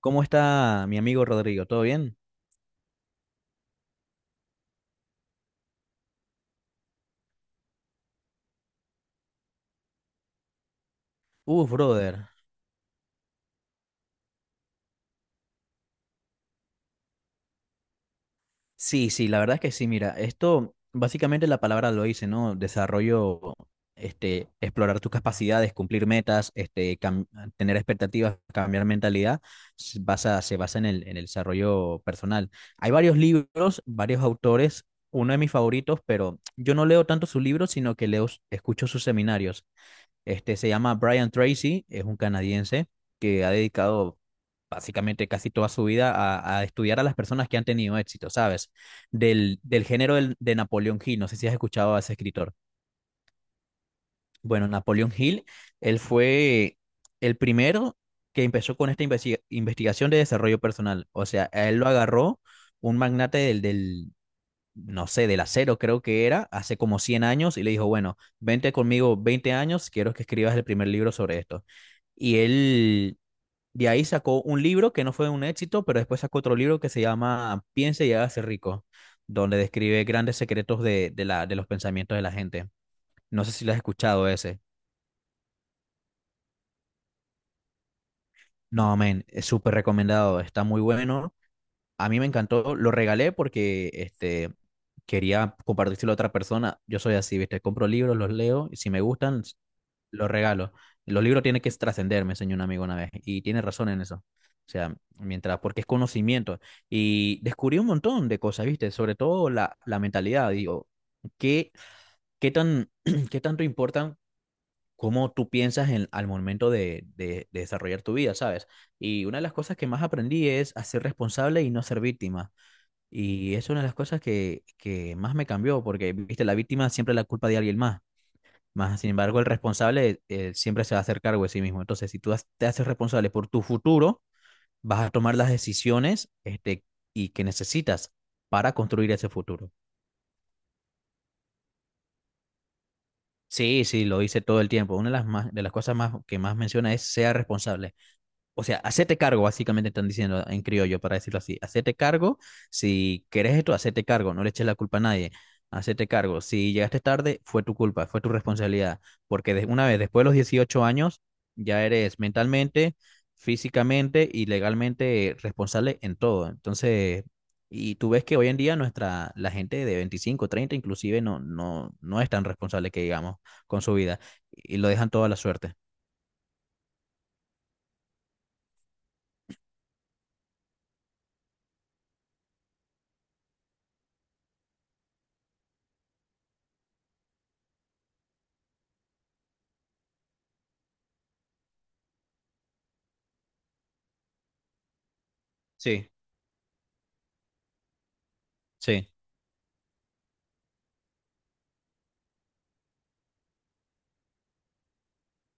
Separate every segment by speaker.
Speaker 1: ¿Cómo está mi amigo Rodrigo? ¿Todo bien? Uf, brother. Sí, la verdad es que sí, mira, esto básicamente la palabra lo dice, ¿no? Desarrollo, explorar tus capacidades, cumplir metas, tener expectativas, cambiar mentalidad, se basa en el desarrollo personal. Hay varios libros, varios autores, uno de mis favoritos, pero yo no leo tanto sus libros, sino que leo, escucho sus seminarios. Este se llama Brian Tracy, es un canadiense que ha dedicado básicamente casi toda su vida a estudiar a las personas que han tenido éxito, ¿sabes? Del género de Napoleon Hill, no sé si has escuchado a ese escritor. Bueno, Napoleon Hill, él fue el primero que empezó con esta investigación de desarrollo personal, o sea, a él lo agarró un magnate no sé, del acero creo que era, hace como 100 años, y le dijo, bueno, vente conmigo 20 años, quiero que escribas el primer libro sobre esto. Y él de ahí sacó un libro que no fue un éxito, pero después sacó otro libro que se llama Piense y hágase rico, donde describe grandes secretos de los pensamientos de la gente. No sé si lo has escuchado ese. No, men, es súper recomendado, está muy bueno. A mí me encantó, lo regalé porque quería compartírselo a otra persona. Yo soy así, ¿viste? Compro libros, los leo y si me gustan, los regalo. Los libros tienen que trascender, me enseñó un amigo una vez y tiene razón en eso. O sea, mientras, porque es conocimiento. Y descubrí un montón de cosas, ¿viste? Sobre todo la mentalidad. Digo, ¿qué, qué tan, qué tanto importan cómo tú piensas en, al momento de desarrollar tu vida, ¿sabes? Y una de las cosas que más aprendí es a ser responsable y no ser víctima. Y es una de las cosas que más me cambió, porque, viste, la víctima siempre es la culpa de alguien más. Más, sin embargo, el responsable siempre se va a hacer cargo de sí mismo. Entonces, si tú te haces responsable por tu futuro, vas a tomar las decisiones y que necesitas para construir ese futuro. Sí, sí, lo hice todo el tiempo. Una de las, más, de las cosas más, que más menciona es sea responsable. O sea, hacete cargo, básicamente están diciendo en criollo, para decirlo así. Hacete cargo, si querés esto, hacete cargo, no le eches la culpa a nadie. Hacete cargo, si llegaste tarde, fue tu culpa, fue tu responsabilidad, porque una vez después de los 18 años, ya eres mentalmente, físicamente y legalmente responsable en todo. Entonces, y tú ves que hoy en día la gente de 25, 30 inclusive no es tan responsable que digamos con su vida y lo dejan toda la suerte. Sí, sí.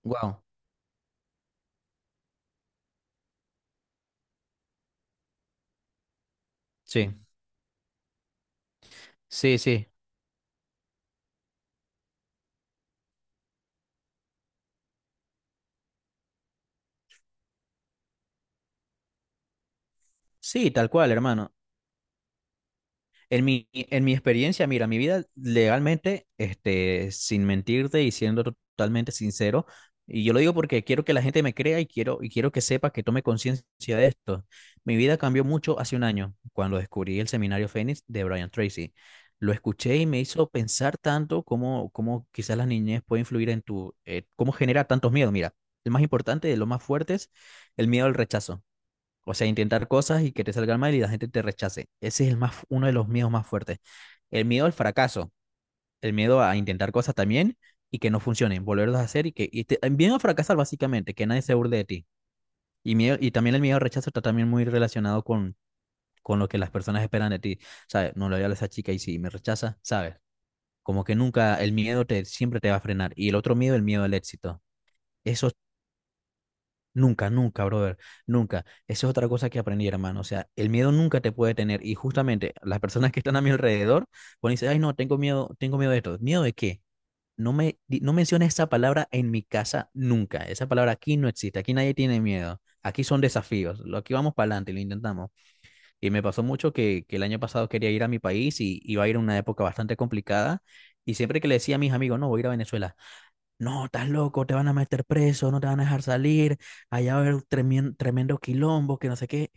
Speaker 1: Wow, sí. Sí, sí, sí, tal cual, hermano. En mi experiencia, mira, mi vida legalmente, sin mentirte y siendo totalmente sincero, y yo lo digo porque quiero que la gente me crea y quiero que sepa que tome conciencia de esto. Mi vida cambió mucho hace un año, cuando descubrí el seminario Fénix de Brian Tracy. Lo escuché y me hizo pensar tanto cómo quizás la niñez puede influir en cómo genera tantos miedos. Mira, el más importante de los más fuertes, el miedo al rechazo. O sea, intentar cosas y que te salgan mal y la gente te rechace. Ese es el más, uno de los miedos más fuertes. El miedo al fracaso, el miedo a intentar cosas también y que no funcionen, volverlas a hacer y que el miedo a fracasar básicamente, que nadie se burle de ti. Y, miedo, y también el miedo al rechazo está también muy relacionado con lo que las personas esperan de ti. ¿Sabes? No le voy a hablar a esa chica y si me rechaza, ¿sabes? Como que nunca, el miedo te, siempre te va a frenar. Y el otro miedo, el miedo al éxito. Esos nunca, nunca, brother, nunca. Esa es otra cosa que aprendí, hermano. O sea, el miedo nunca te puede tener. Y justamente las personas que están a mi alrededor, cuando decir, ay, no, tengo miedo de esto. ¿Miedo de qué? No menciones esa palabra en mi casa nunca. Esa palabra aquí no existe. Aquí nadie tiene miedo. Aquí son desafíos. Aquí vamos para adelante y lo intentamos. Y me pasó mucho que el año pasado quería ir a mi país y iba a ir a una época bastante complicada. Y siempre que le decía a mis amigos, no, voy a ir a Venezuela. No, estás loco, te van a meter preso, no te van a dejar salir, allá va a haber tremendo quilombo, que no sé qué.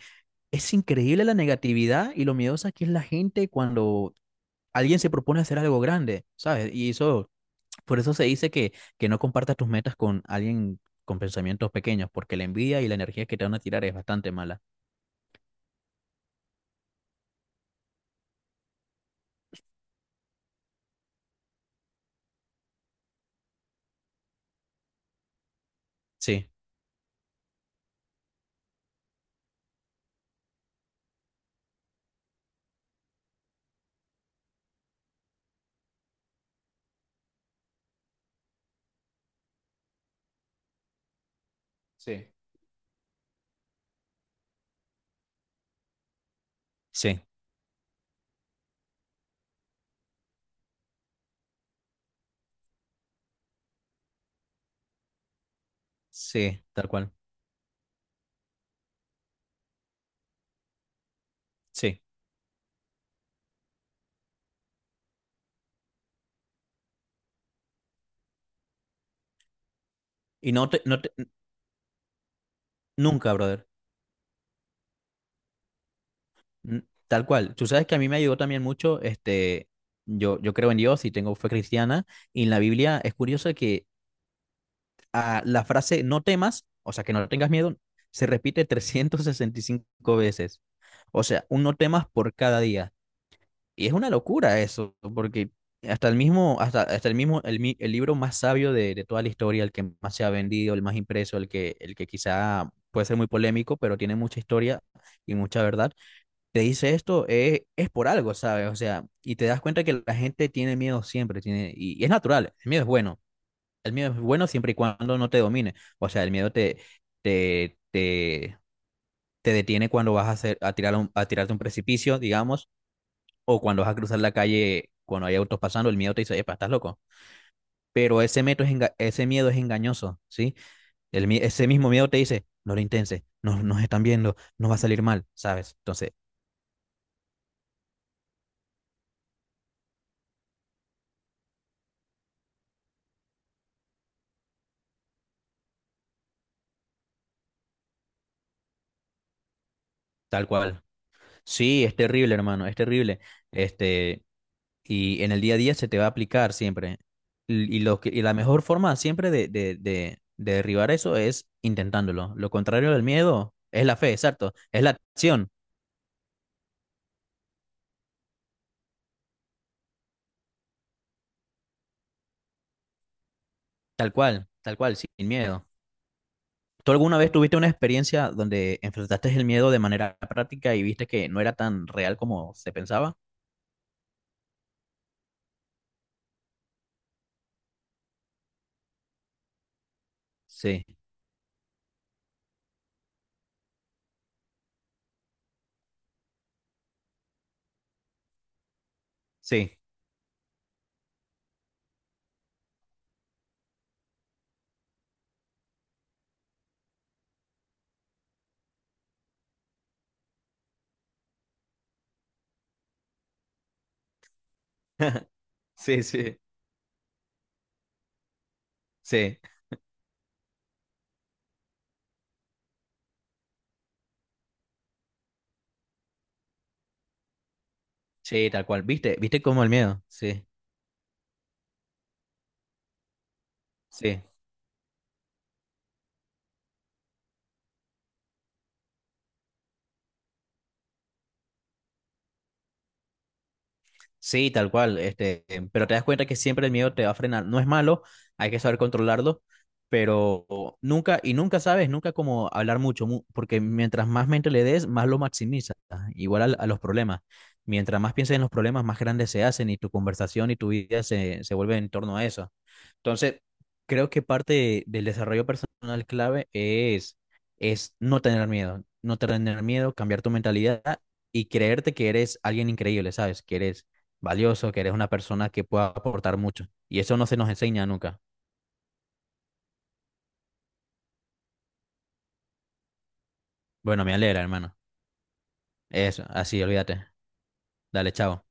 Speaker 1: Es increíble la negatividad y lo miedosa que es la gente cuando alguien se propone hacer algo grande, ¿sabes? Y eso, por eso se dice que no compartas tus metas con alguien con pensamientos pequeños, porque la envidia y la energía que te van a tirar es bastante mala. Sí, sí, sí, sí, tal cual, sí. Y nunca, brother. Mm, tal cual. Tú sabes que a mí me ayudó también mucho, yo creo en Dios y tengo fe cristiana, y en la Biblia es curioso que la frase no temas, o sea, que no tengas miedo, se repite 365 veces. O sea, un no temas por cada día. Y es una locura eso, porque hasta el mismo, el libro más sabio de toda la historia, el que más se ha vendido, el más impreso, el que quizá puede ser muy polémico, pero tiene mucha historia y mucha verdad te dice esto, es por algo, ¿sabes? O sea, y te das cuenta que la gente tiene miedo siempre, tiene, y es natural, el miedo es bueno, el miedo es bueno siempre y cuando no te domine, o sea, el miedo te, te, te, te detiene cuando vas a tirarte un precipicio, digamos, o cuando vas a cruzar la calle cuando hay autos pasando, el miedo te dice, epa, estás loco. Pero ese miedo es engañoso, ¿sí? Ese mismo miedo te dice, no lo intenses, nos están viendo, no va a salir mal, ¿sabes? Entonces, tal cual. Sí, es terrible, hermano, es terrible. Este, y en el día a día se te va a aplicar siempre. Y la mejor forma siempre de derribar eso es intentándolo. Lo contrario del miedo es la fe, exacto. Es la acción, tal cual, sin miedo. ¿Tú alguna vez tuviste una experiencia donde enfrentaste el miedo de manera práctica y viste que no era tan real como se pensaba? Sí, sí, sí, sí, sí, sí, tal cual. ¿Viste? ¿Viste cómo el miedo? Sí, sí. Sí, tal cual, pero te das cuenta que siempre el miedo te va a frenar. No es malo, hay que saber controlarlo, pero nunca, y nunca sabes, nunca como hablar mucho, porque mientras más mente le des, más lo maximizas, igual a los problemas. Mientras más pienses en los problemas, más grandes se hacen y tu conversación y tu vida se vuelve en torno a eso. Entonces, creo que parte del desarrollo personal clave es no tener miedo, no tener miedo, cambiar tu mentalidad y creerte que eres alguien increíble, ¿sabes? Que eres valioso, que eres una persona que pueda aportar mucho. Y eso no se nos enseña nunca. Bueno, me alegra, hermano. Eso, así, olvídate. Dale, chao.